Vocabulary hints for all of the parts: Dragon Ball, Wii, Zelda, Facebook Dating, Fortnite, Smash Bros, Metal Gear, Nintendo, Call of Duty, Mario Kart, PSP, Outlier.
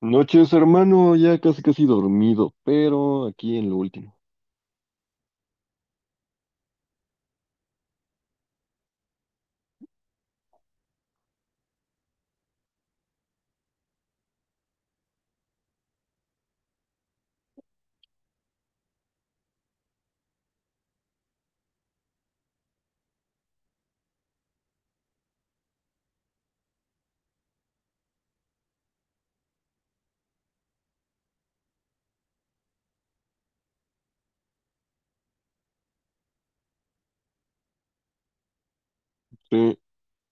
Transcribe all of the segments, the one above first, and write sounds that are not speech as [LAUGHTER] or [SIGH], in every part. Noches, hermano, ya casi casi dormido, pero aquí en lo último. Sí,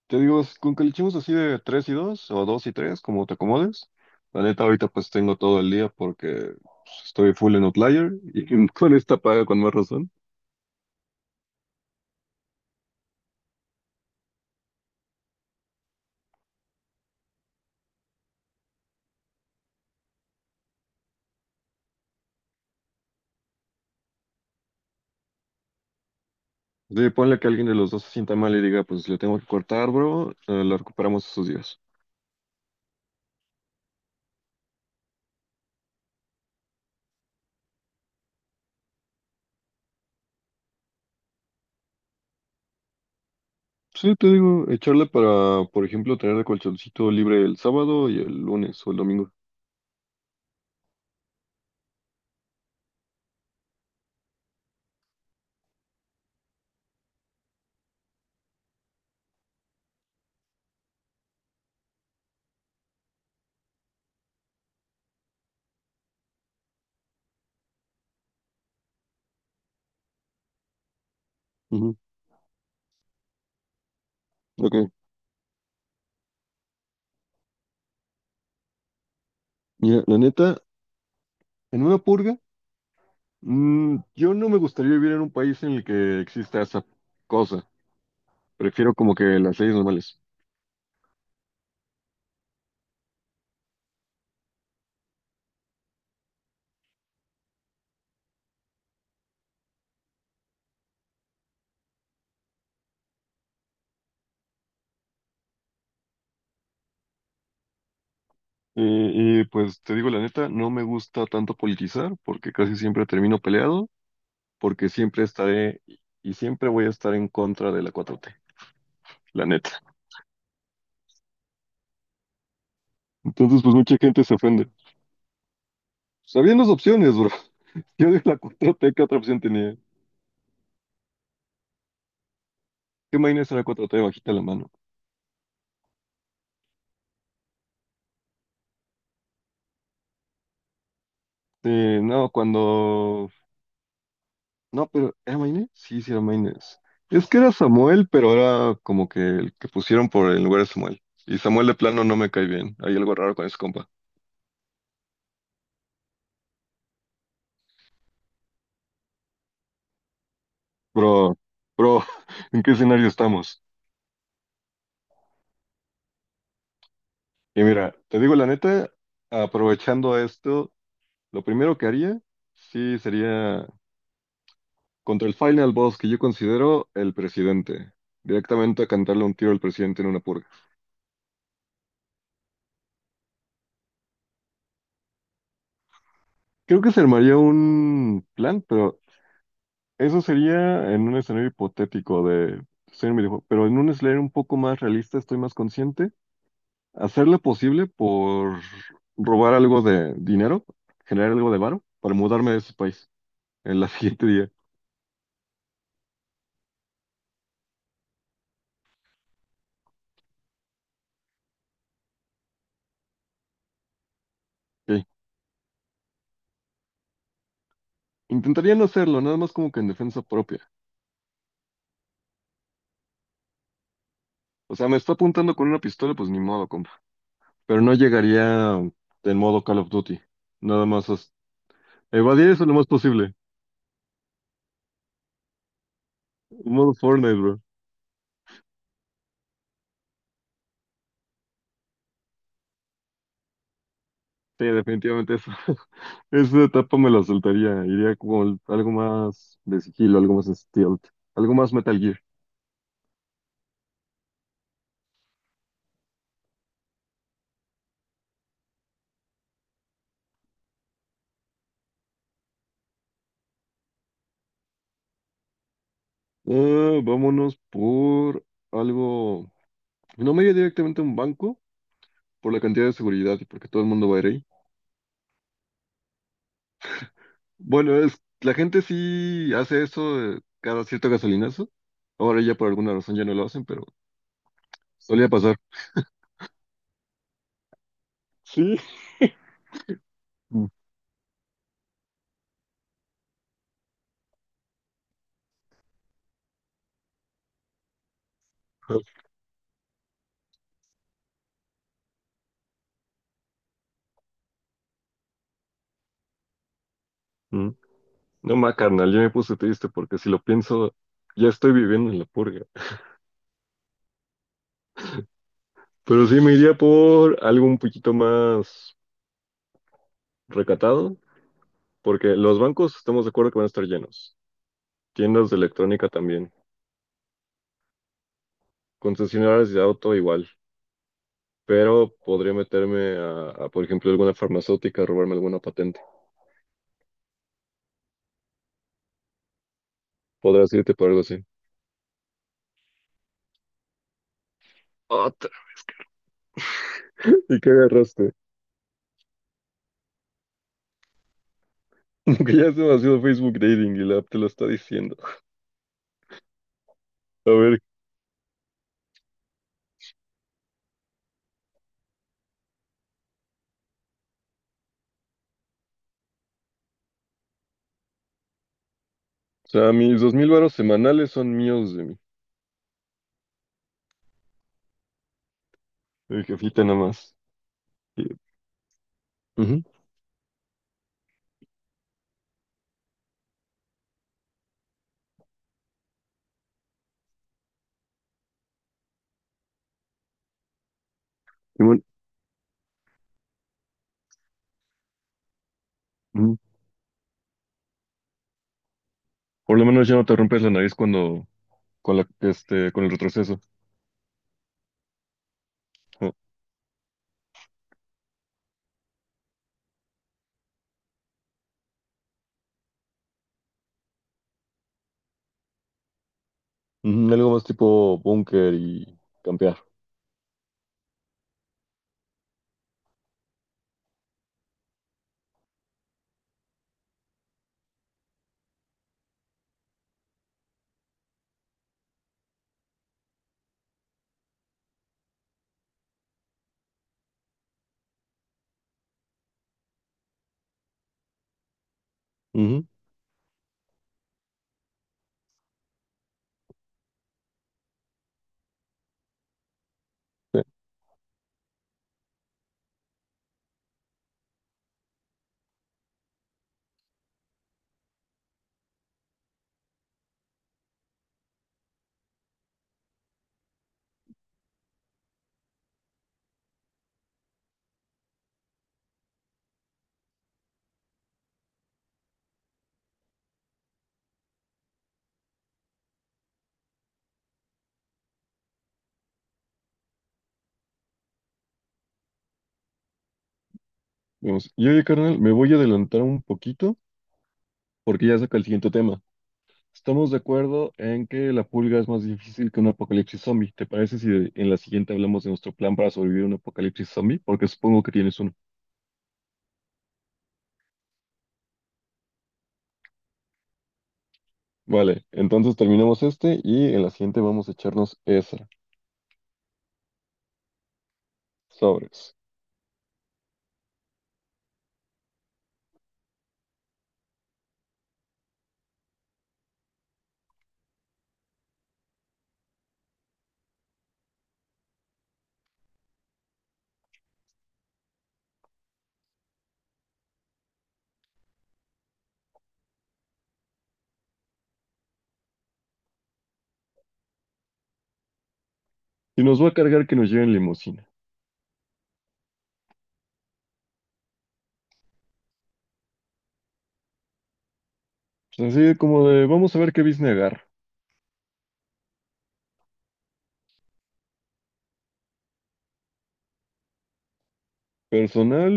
te digo, es con que le echemos así de tres y dos o dos y tres como te acomodes. La neta, ahorita pues tengo todo el día porque pues, estoy full en Outlier y [LAUGHS] con esta paga con más razón. Sí, ponle que alguien de los dos se sienta mal y diga, pues le tengo que cortar, bro, lo recuperamos esos días. Sí, te digo, echarle para, por ejemplo, tener el colchoncito libre el sábado y el lunes o el domingo. Ujú. Ok, mira, la neta, en una purga, yo no me gustaría vivir en un país en el que exista esa cosa. Prefiero como que las leyes normales. Y pues te digo la neta, no me gusta tanto politizar porque casi siempre termino peleado, porque siempre estaré y siempre voy a estar en contra de la cuatro t la neta. Entonces, pues mucha gente se ofende. Sabían las opciones, bro. [LAUGHS] Yo de la 4T, ¿qué otra opción tenía? ¿Qué Maynes era 4T? Bajita la mano. No, cuando... No, pero ¿era Maynes? Sí, sí era Maynes. Es que era Samuel, pero era como que el que pusieron por el lugar de Samuel. Y Samuel de plano no me cae bien. Hay algo raro con ese compa. Bro, bro, [LAUGHS] ¿en qué escenario estamos? Y mira, te digo la neta, aprovechando esto, lo primero que haría, sí, sería contra el final boss que yo considero el presidente. Directamente a cantarle un tiro al presidente en una purga. Creo que se armaría un plan, pero eso sería en un escenario hipotético de... ser un videojuego. Pero en un escenario un poco más realista, estoy más consciente. Hacer lo posible por robar algo de dinero, generar algo de varo, para mudarme de ese país el la [LAUGHS] siguiente día. Ok. Intentaría no hacerlo, nada más como que en defensa propia. O sea, me está apuntando con una pistola, pues ni modo, pero no llegaría en modo Call of Duty. Nada más as- Evadir eso lo más posible. En modo Fortnite, bro. Sí, definitivamente eso. [LAUGHS] Esa etapa me la saltaría. Iría como algo más de sigilo, algo más stealth, algo más Metal Gear. Ah, vámonos por algo. No me iría directamente a un banco por la cantidad de seguridad y porque todo el mundo va a ir ahí. Bueno, es la gente sí hace eso cada cierto gasolinazo. Ahora ya por alguna razón ya no lo hacen, pero solía pasar. Sí. [LAUGHS] Mm. Mm. No, ma, carnal, yo me puse triste porque si lo pienso, ya estoy viviendo en la purga. Pero sí me iría por algo un poquito más recatado, porque los bancos estamos de acuerdo que van a estar llenos. Tiendas de electrónica también. Concesionarias de auto igual. Pero podría meterme por ejemplo, alguna farmacéutica, a robarme alguna patente. Podrás irte por algo así. Otra. ¿Y qué agarraste? [LAUGHS] Que ya es demasiado Facebook Dating y la app te lo está diciendo. A ver, o sea, mis dos mil varos semanales son míos de el jefita nada más. Y, ujú, y bueno, ujú. Por lo menos ya no te rompes la nariz cuando con la este con el retroceso. Ajá. Ujú, algo más tipo búnker y campear. Ujú. Sí, vamos. Y oye, carnal, me voy a adelantar un poquito porque ya saca el siguiente tema. Estamos de acuerdo en que la pulga es más difícil que un apocalipsis zombie. ¿Te parece si en la siguiente hablamos de nuestro plan para sobrevivir a un apocalipsis zombie? Porque supongo que tienes uno. Vale, entonces terminamos este y en la siguiente vamos a echarnos esa. Sobres. Y nos va a cargar que nos lleven limusina. Pues así de como de, vamos a ver qué business agarra. Personal,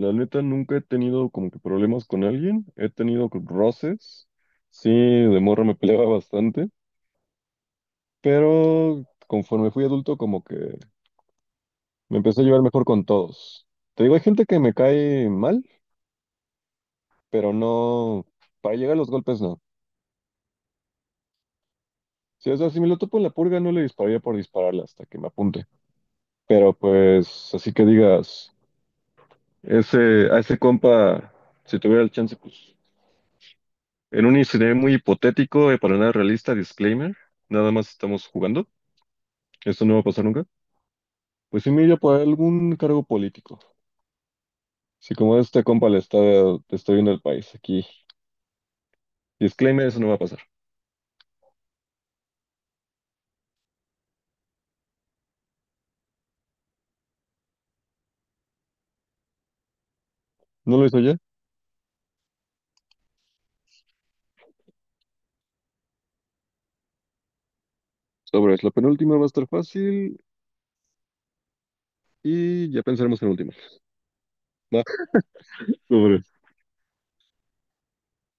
la neta, nunca he tenido como que problemas con alguien. He tenido roces. Sí, de morro me peleaba bastante, pero conforme fui adulto como que me empecé a llevar mejor con todos. Te digo, hay gente que me cae mal, pero no, para llegar a los golpes no. Si, o sea, si me lo topo en la purga no le dispararía por dispararle hasta que me apunte. Pero pues, así que digas... Ese, a ese compa, si tuviera el chance, pues, en un escenario muy hipotético y para nada realista, disclaimer, nada más estamos jugando, esto no va a pasar nunca, pues sí me iría por algún cargo político. Si como a este compa le está te está viendo el país aquí, disclaimer, eso no va a pasar. ¿No lo hizo ya? Sobre, la penúltima va a estar fácil y ya pensaremos en la última. Va. Sobre.